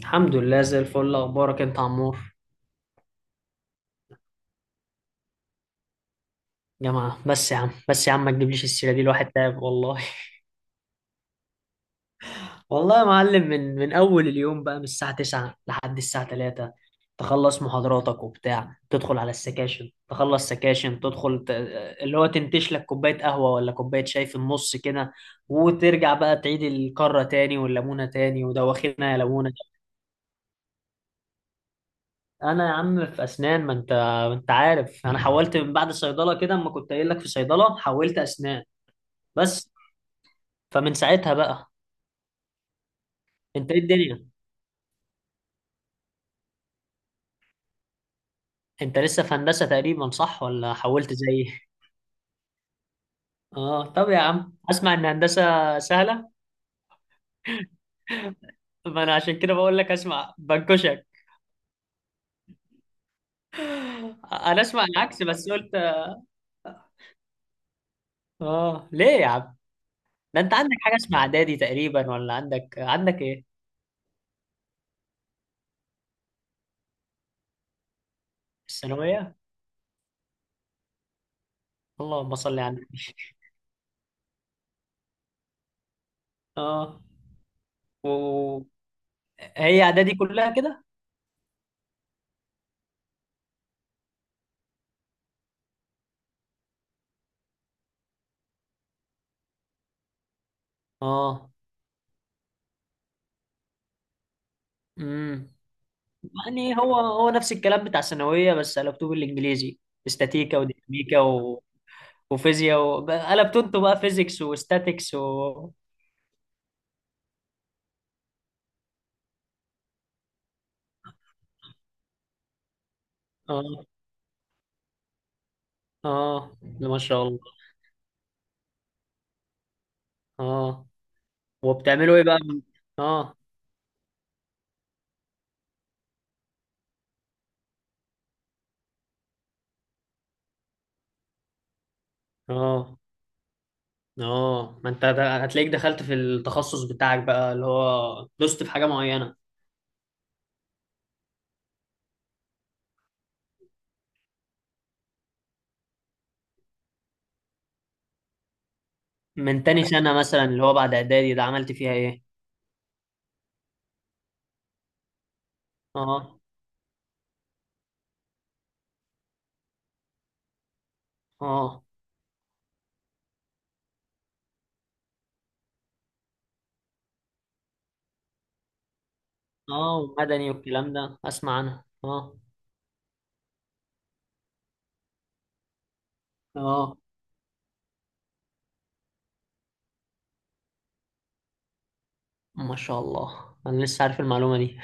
الحمد لله زي الفل. اخبارك انت يا عمور؟ جماعه، بس يا عم ما تجيبليش السيره دي. الواحد تعب والله. والله يا معلم من اول اليوم بقى، من الساعه 9 لحد الساعه 3. تخلص محاضراتك وبتاع، تدخل على السكاشن، تخلص سكاشن، اللي هو تنتش لك كوبايه قهوه ولا كوبايه شاي في النص كده، وترجع بقى تعيد الكرة تاني والليمونة تاني، وده واخدنا يا ليمونة. انا يا عم في اسنان. ما انت عارف انا حولت من بعد صيدله كده. اما كنت قايل لك في صيدله، حولت اسنان. بس، فمن ساعتها بقى. انت ايه الدنيا؟ انت لسه في هندسة تقريبا صح ولا حولت زيي؟ اه طب يا عم، اسمع ان هندسة سهلة. ما انا عشان كده بقول لك، اسمع بنكشك. انا اسمع العكس بس قلت. اه ليه يا عم؟ ده انت عندك حاجة اسمها اعدادي تقريبا، ولا عندك ايه؟ الثانوية. اللهم صل على النبي. اه. و- هي اعدادي كلها كده؟ اه، امم. يعني هو نفس الكلام بتاع الثانويه، بس على كتب الانجليزي، استاتيكا وديناميكا وفيزياء قلبت انتوا بقى فيزيكس وستاتيكس و... اه، اه، ما شاء الله. اه، وبتعملوا ايه بقى؟ اه، اه، اه، ما انت هتلاقيك دخلت في التخصص بتاعك بقى، اللي هو دوست في حاجة معينة. من تاني سنة مثلا، اللي هو بعد اعدادي ده، عملت فيها ايه؟ اه، اه، اه، ومدني والكلام ده اسمع عنها. اه، اه، ما شاء الله، انا لسه عارف المعلومة دي.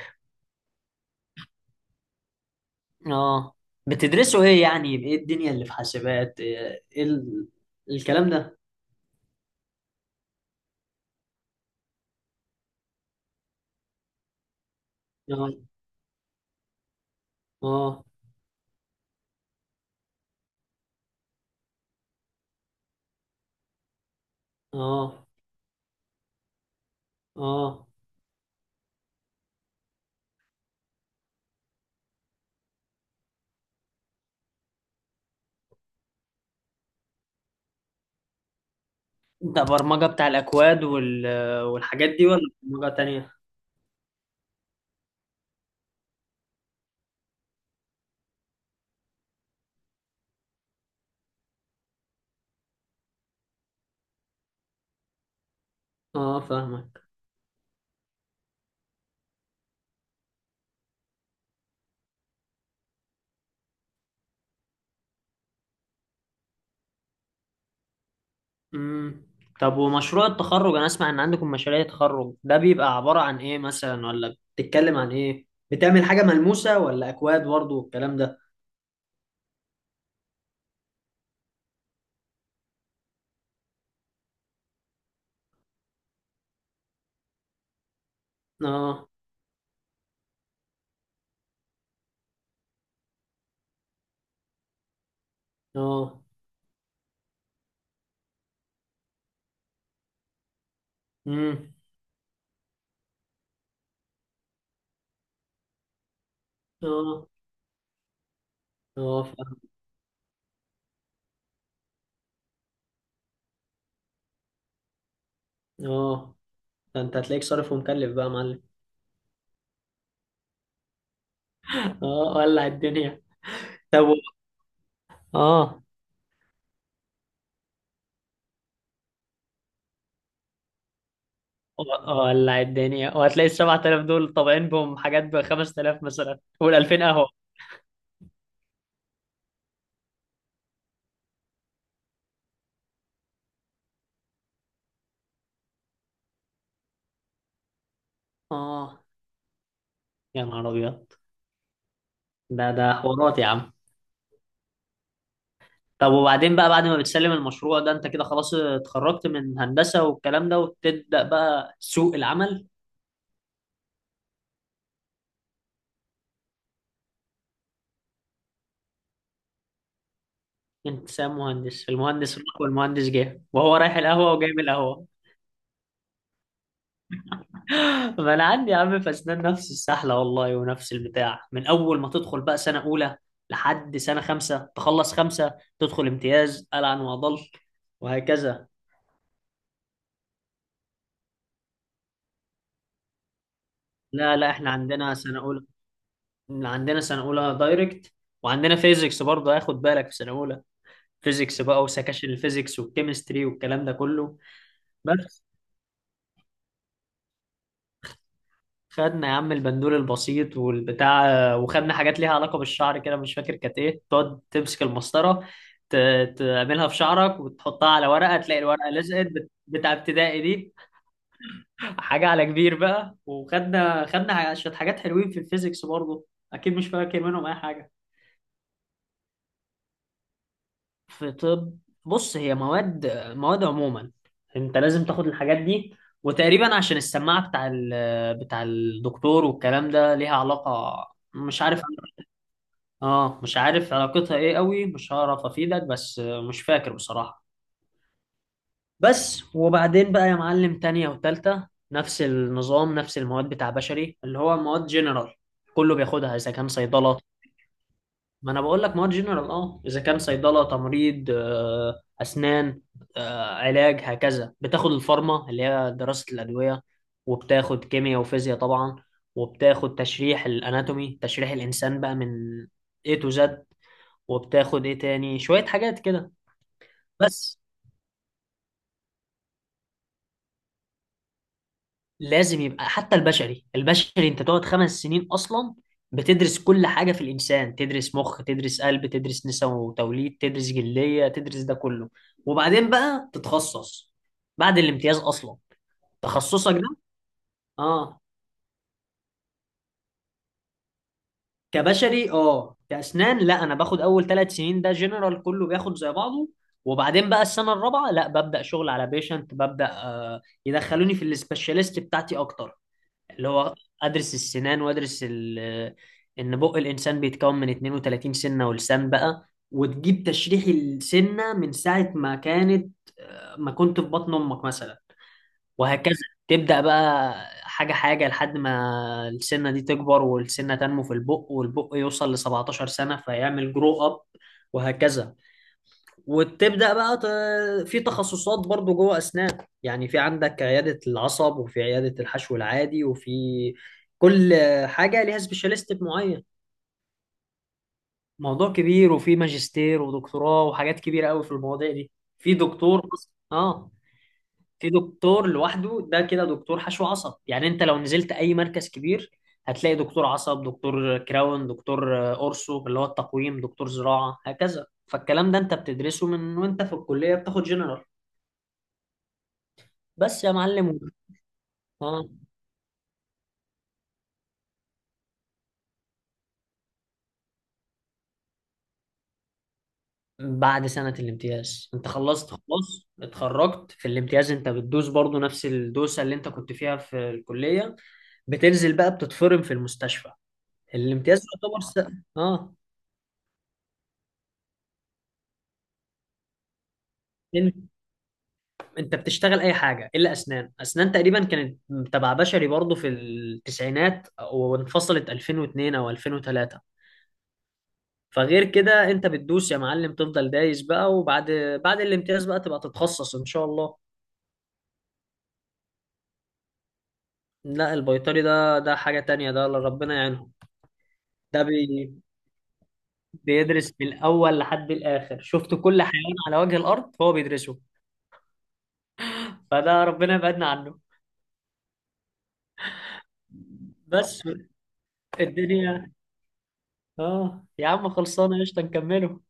اه، بتدرسوا ايه يعني؟ ايه الدنيا اللي في حاسبات؟ ايه، إيه الكلام ده؟ اه، اه، اه، اه. انت برمجة بتاع الاكواد والحاجات دي، ولا برمجة تانية؟ اه، فاهمك، امم. طب ومشروع التخرج، انا اسمع ان عندكم مشاريع تخرج، ده بيبقى عبارة عن ايه مثلا؟ ولا بتتكلم عن ايه؟ بتعمل حاجة ملموسة ولا اكواد برضه والكلام ده؟ اه، اه، امم، اه، اه فاهم، اه. ده انت هتلاقيك صارف ومكلف بقى يا معلم. اه، ولع الدنيا. طب و- اه. ولع الدنيا. وهتلاقي ال 7000 دول طابعين بهم حاجات ب 5000 مثلا، وال 2000 قهوه. اه يا نهار ابيض، ده حوارات يا عم. طب وبعدين بقى، بعد ما بتسلم المشروع ده، انت كده خلاص اتخرجت من هندسه والكلام ده، وتبدا بقى سوق العمل. انت سام مهندس؟ المهندس راح والمهندس جه، وهو رايح القهوه وجاي من القهوه. ما انا عندي يا عم في اسنان نفس السحله والله ونفس البتاع، من اول ما تدخل بقى سنه اولى لحد سنه خمسه، تخلص خمسه تدخل امتياز العن واضل، وهكذا. لا لا، احنا عندنا سنه اولى. عندنا سنه اولى دايركت. وعندنا فيزيكس برضه، هاخد بالك، في سنه اولى فيزيكس بقى وسكاشن الفيزيكس والكيمستري والكلام ده كله. بس، خدنا يا عم البندول البسيط والبتاع. وخدنا حاجات ليها علاقة بالشعر كده، مش فاكر كانت ايه، تقعد تمسك المسطرة تعملها في شعرك وتحطها على ورقة، تلاقي الورقة لزقت، بتاع ابتدائي دي، حاجة على كبير بقى. وخدنا شوية حاجات حلوين في الفيزيكس برضه، أكيد مش فاكر منهم أي حاجة. في طب، بص هي مواد، مواد عموما، أنت لازم تاخد الحاجات دي. وتقريبا عشان السماعة بتاع بتاع الدكتور والكلام ده ليها علاقة. مش عارف. اه، مش عارف علاقتها ايه قوي، مش هعرف افيدك، بس آه، مش فاكر بصراحة. بس وبعدين بقى يا معلم، تانية وتالتة نفس النظام، نفس المواد بتاع بشري، اللي هو مواد جنرال كله بياخدها، اذا كان صيدلة. ما انا بقول لك مواد جنرال. اه، اذا كان صيدلة، تمريض، آه، اسنان، آه، علاج، هكذا. بتاخد الفارما، اللي هي دراسة الأدوية، وبتاخد كيمياء وفيزياء طبعا، وبتاخد تشريح الاناتومي، تشريح الانسان بقى من A to Z. وبتاخد ايه تاني، شوية حاجات كده. بس لازم يبقى. حتى البشري انت تقعد 5 سنين اصلا، بتدرس كل حاجة في الانسان. تدرس مخ، تدرس قلب، تدرس نساء وتوليد، تدرس جلدية، تدرس ده كله، وبعدين بقى تتخصص بعد الامتياز اصلا. تخصصك ده، اه، كبشري اه، كاسنان لا. انا باخد اول 3 سنين ده جنرال، كله بياخد زي بعضه. وبعدين بقى السنة الرابعة لا، ببدأ شغل على بيشنت، ببدأ آه، يدخلوني في السبيشاليست بتاعتي اكتر، اللي هو ادرس السنان وادرس ان بق الانسان بيتكون من 32 سنه ولسان بقى، وتجيب تشريح السنه من ساعه ما كانت، آه، ما كنت في بطن امك مثلا، وهكذا. تبدا بقى حاجه حاجه، لحد ما السنه دي تكبر والسنه تنمو في البق، والبق يوصل ل 17 سنه فيعمل جرو اب، وهكذا. وتبدأ بقى في تخصصات برضو جوه أسنان. يعني في عندك عيادة العصب، وفي عيادة الحشو العادي، وفي كل حاجة ليها سبيشاليست معين. موضوع كبير، وفي ماجستير ودكتوراه وحاجات كبيرة قوي في المواضيع دي. في دكتور في دكتور لوحده، ده كده دكتور حشو عصب. يعني انت لو نزلت اي مركز كبير، هتلاقي دكتور عصب، دكتور كراون، دكتور آه، اورسو اللي هو التقويم، دكتور زراعة، هكذا. فالكلام ده انت بتدرسه من وانت في الكلية بتاخد جنرال. بس يا معلم. اه، بعد سنة الامتياز انت خلصت خلاص، اتخرجت في الامتياز، انت بتدوس برضو نفس الدوسة اللي انت كنت فيها في الكلية. بتنزل بقى بتتفرم في المستشفى. الامتياز يعتبر اه. انت انت بتشتغل اي حاجة الا اسنان. اسنان تقريبا كانت تبع بشري برضو في التسعينات، وانفصلت 2002 او 2003. فغير كده انت بتدوس يا معلم، تفضل دايس بقى. وبعد الامتياز بقى تبقى تتخصص ان شاء الله. لا البيطري ده حاجة تانية، ده الله ربنا يعينهم. ده بي بيدرس من الأول لحد الآخر، شفت، كل حيوان على وجه الأرض هو بيدرسه. فده ربنا يبعدنا عنه. بس. الدنيا. اه يا عم خلصانة، قشطة نكمله.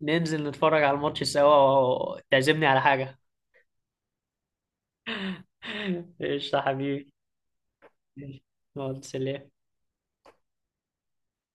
ننزل نتفرج على الماتش سوا، تعزمني على حاجة. قشطة حبيبي. يلا سلام.